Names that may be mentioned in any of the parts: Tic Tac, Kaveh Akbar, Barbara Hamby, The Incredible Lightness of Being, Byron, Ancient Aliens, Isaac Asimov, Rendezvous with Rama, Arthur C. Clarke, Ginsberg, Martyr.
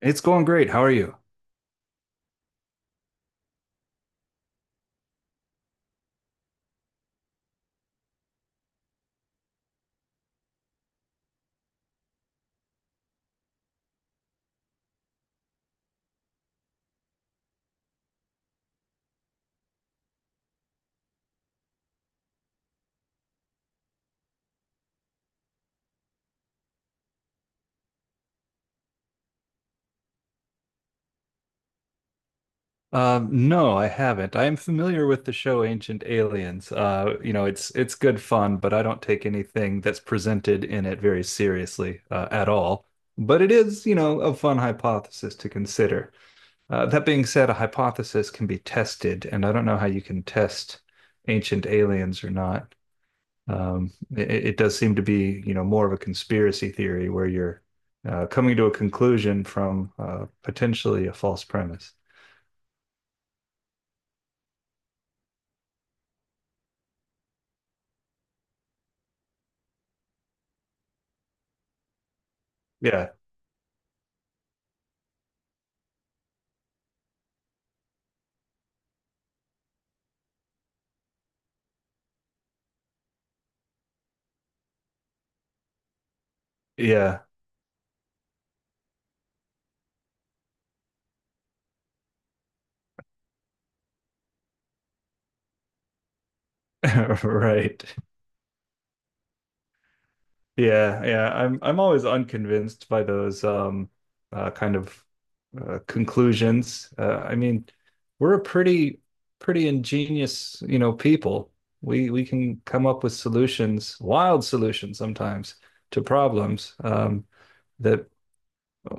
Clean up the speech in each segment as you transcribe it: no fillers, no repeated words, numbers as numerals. It's going great. How are you? No, I haven't. I am familiar with the show Ancient Aliens. It's good fun, but I don't take anything that's presented in it very seriously at all. But it is, you know, a fun hypothesis to consider. That being said, a hypothesis can be tested, and I don't know how you can test Ancient Aliens or not. It does seem to be, you know, more of a conspiracy theory where you're coming to a conclusion from potentially a false premise. Yeah. Yeah. Right. Yeah. Yeah. I'm always unconvinced by those kind of conclusions. I mean, we're a pretty ingenious, you know, people. We can come up with solutions, wild solutions sometimes to problems that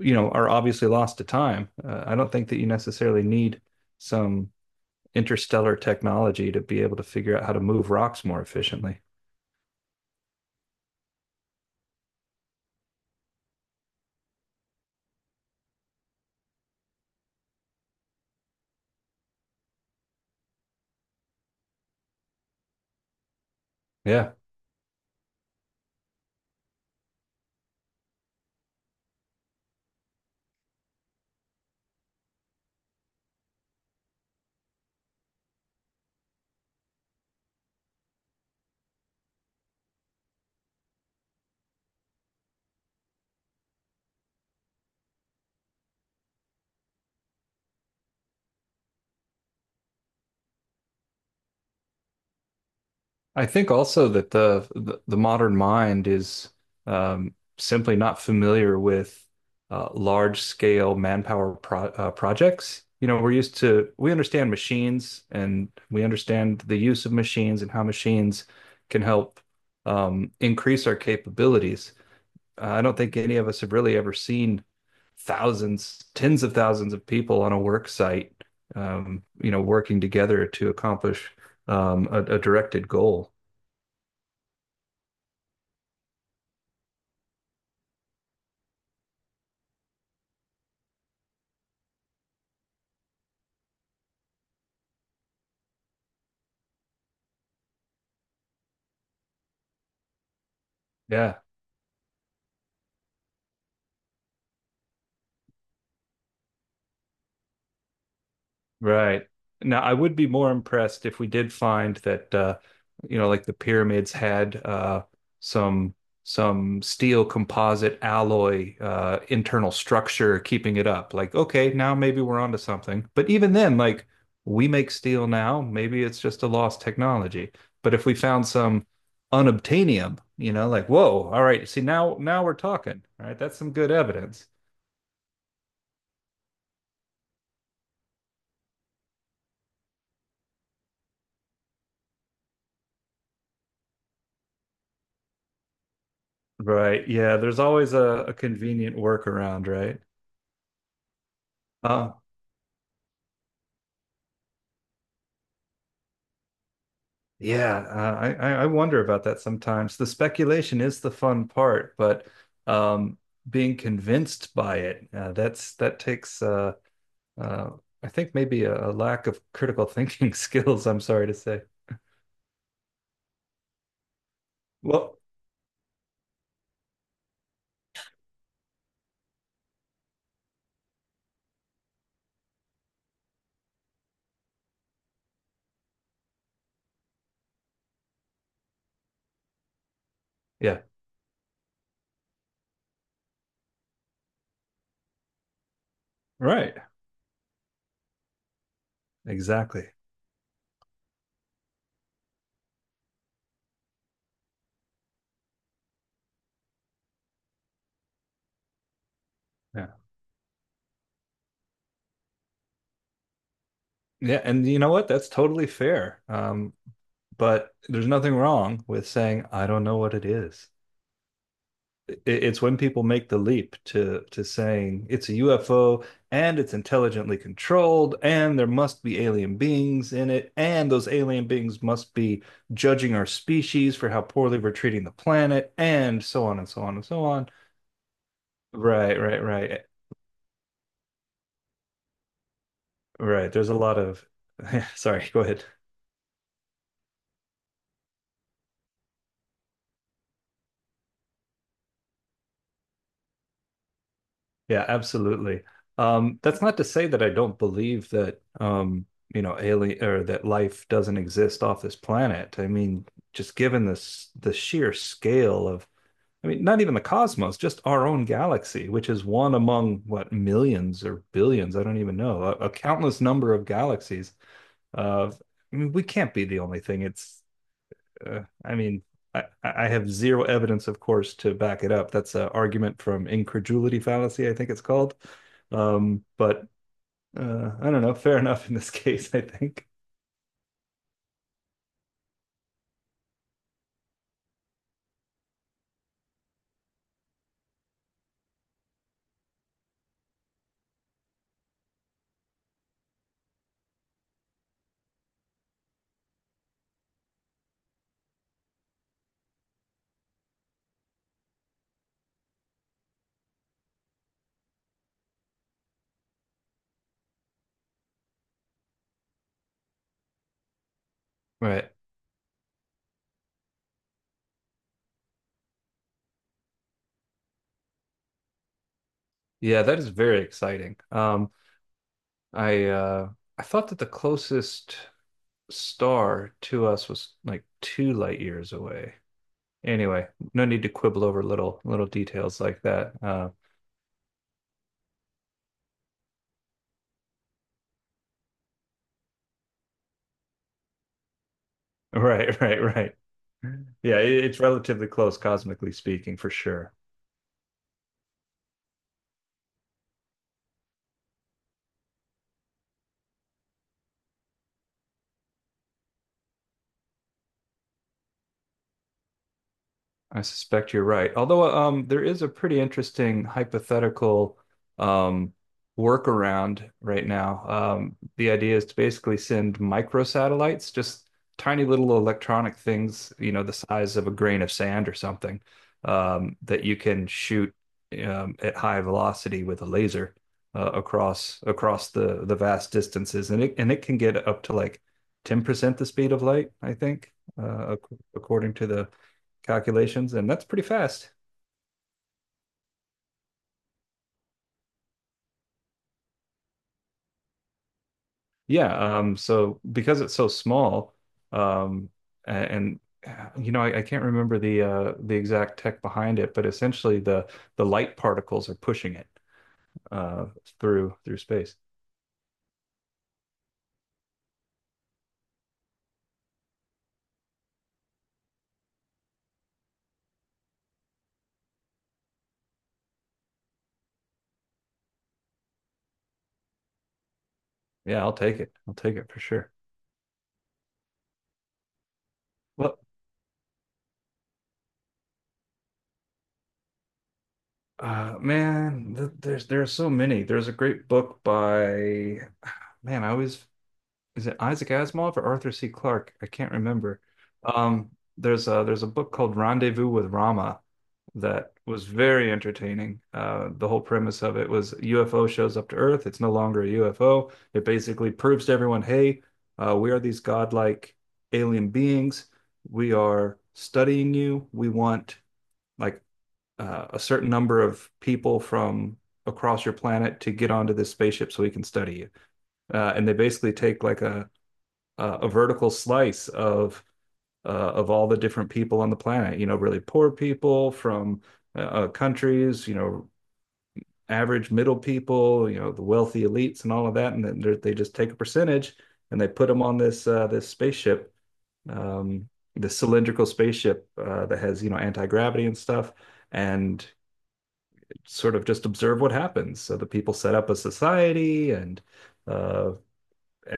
you know are obviously lost to time. I don't think that you necessarily need some interstellar technology to be able to figure out how to move rocks more efficiently. Yeah. I think also that the modern mind is simply not familiar with large scale manpower projects. You know, we're used to we understand machines and we understand the use of machines and how machines can help increase our capabilities. I don't think any of us have really ever seen thousands, tens of thousands of people on a work site, you know, working together to accomplish a directed goal. Yeah. Right. Now, I would be more impressed if we did find that you know like the pyramids had some steel composite alloy internal structure keeping it up. Like, okay, now maybe we're onto something. But even then, like we make steel now, maybe it's just a lost technology. But if we found some unobtainium, you know, like, whoa, all right, see now we're talking, right? That's some good evidence. Right. Yeah, there's always a convenient workaround, right? Um, Yeah, I I wonder about that sometimes. The speculation is the fun part, but um, being convinced by it that's that takes uh, I think maybe a lack of critical thinking skills. I'm sorry to say. Well, yeah, right, exactly. Yeah, yeah, and you know what? That's totally fair. But there's nothing wrong with saying I don't know what it is. It's when people make the leap to saying it's a UFO and it's intelligently controlled and there must be alien beings in it and those alien beings must be judging our species for how poorly we're treating the planet and so on and so on and so on. Right, right, right. Right. There's a lot of sorry, go ahead. Yeah, absolutely. That's not to say that I don't believe that you know, alien or that life doesn't exist off this planet. I mean, just given this the sheer scale of, I mean, not even the cosmos, just our own galaxy, which is one among what millions or billions, I don't even know, a countless number of galaxies. Uh, I mean, we can't be the only thing. It's I mean, I have zero evidence, of course, to back it up. That's an argument from incredulity fallacy, I think it's called. But I don't know. Fair enough in this case, I think. Right. Yeah, that is very exciting. I uh, I thought that the closest star to us was like 2 light years away. Anyway, no need to quibble over little details like that. Right, right, right. Yeah, it, it's relatively close cosmically speaking, for sure. I suspect you're right. Although there is a pretty interesting hypothetical um, workaround right now. The idea is to basically send microsatellites, just tiny little electronic things, you know, the size of a grain of sand or something, that you can shoot at high velocity with a laser across the vast distances, and it can get up to like 10% the speed of light, I think, according to the calculations, and that's pretty fast. Yeah. So because it's so small, um, and you know, I can't remember the exact tech behind it, but essentially the light particles are pushing it uh, through space. Yeah, I'll take it. I'll take it for sure. Well, man, th there's so many. There's a great book by man. I always is it Isaac Asimov or Arthur C. Clarke? I can't remember. Um, there's a book called Rendezvous with Rama that was very entertaining. The whole premise of it was UFO shows up to Earth. It's no longer a UFO. It basically proves to everyone, hey, we are these godlike alien beings. We are studying you. We want like a certain number of people from across your planet to get onto this spaceship so we can study you. And they basically take like a vertical slice uh, of all the different people on the planet. You know, really poor people from countries. You know, average middle people. You know, the wealthy elites and all of that. And then they just take a percentage and they put them on this spaceship, um, this cylindrical spaceship that has you know anti-gravity and stuff. And sort of just observe what happens. So the people set up a society uh,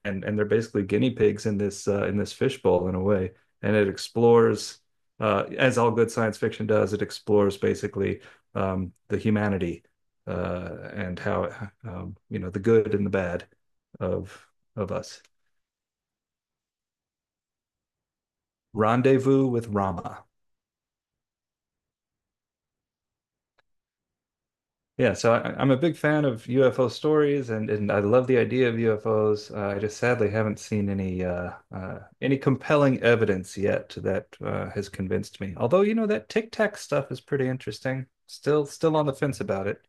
and and they're basically guinea pigs in this fishbowl in a way. And it explores, as all good science fiction does, it explores basically the humanity and how you know the good and the bad of of us. Rendezvous with Rama. Yeah, so I'm a big fan of UFO stories, and I love the idea of UFOs. I just sadly haven't seen any compelling evidence yet that has convinced me. Although, you know, that Tic Tac stuff is pretty interesting. Still on the fence about it.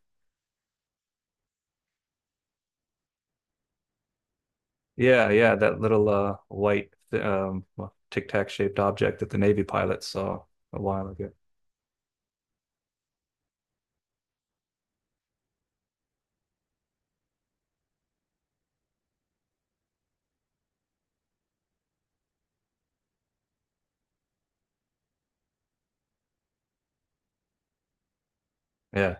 Yeah, yeah, that little white Tic Tac shaped object that the Navy pilots saw a while ago. Yeah.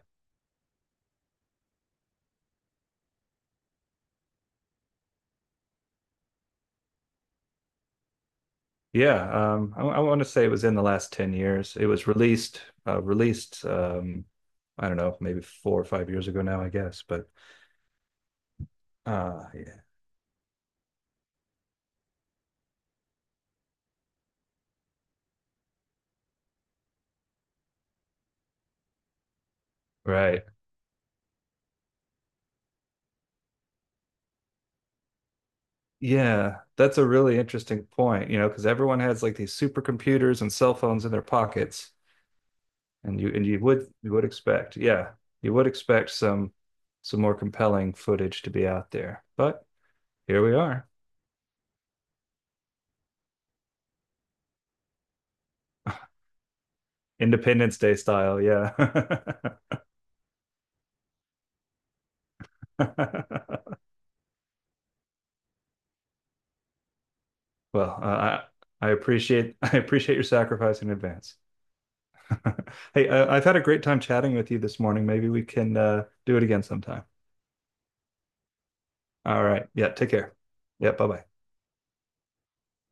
Yeah, I want to say it was in the last 10 years. It was released, I don't know, maybe 4 or 5 years ago now, I guess. But yeah, right. Yeah, that's a really interesting point, you know, because everyone has like these supercomputers and cell phones in their pockets, and you would expect, yeah, you would expect some more compelling footage to be out there. But here we are, Independence Day style, yeah. Well, I appreciate I appreciate your sacrifice in advance. Hey, I've had a great time chatting with you this morning. Maybe we can do it again sometime. All right. Yeah, take care. Yeah, bye-bye.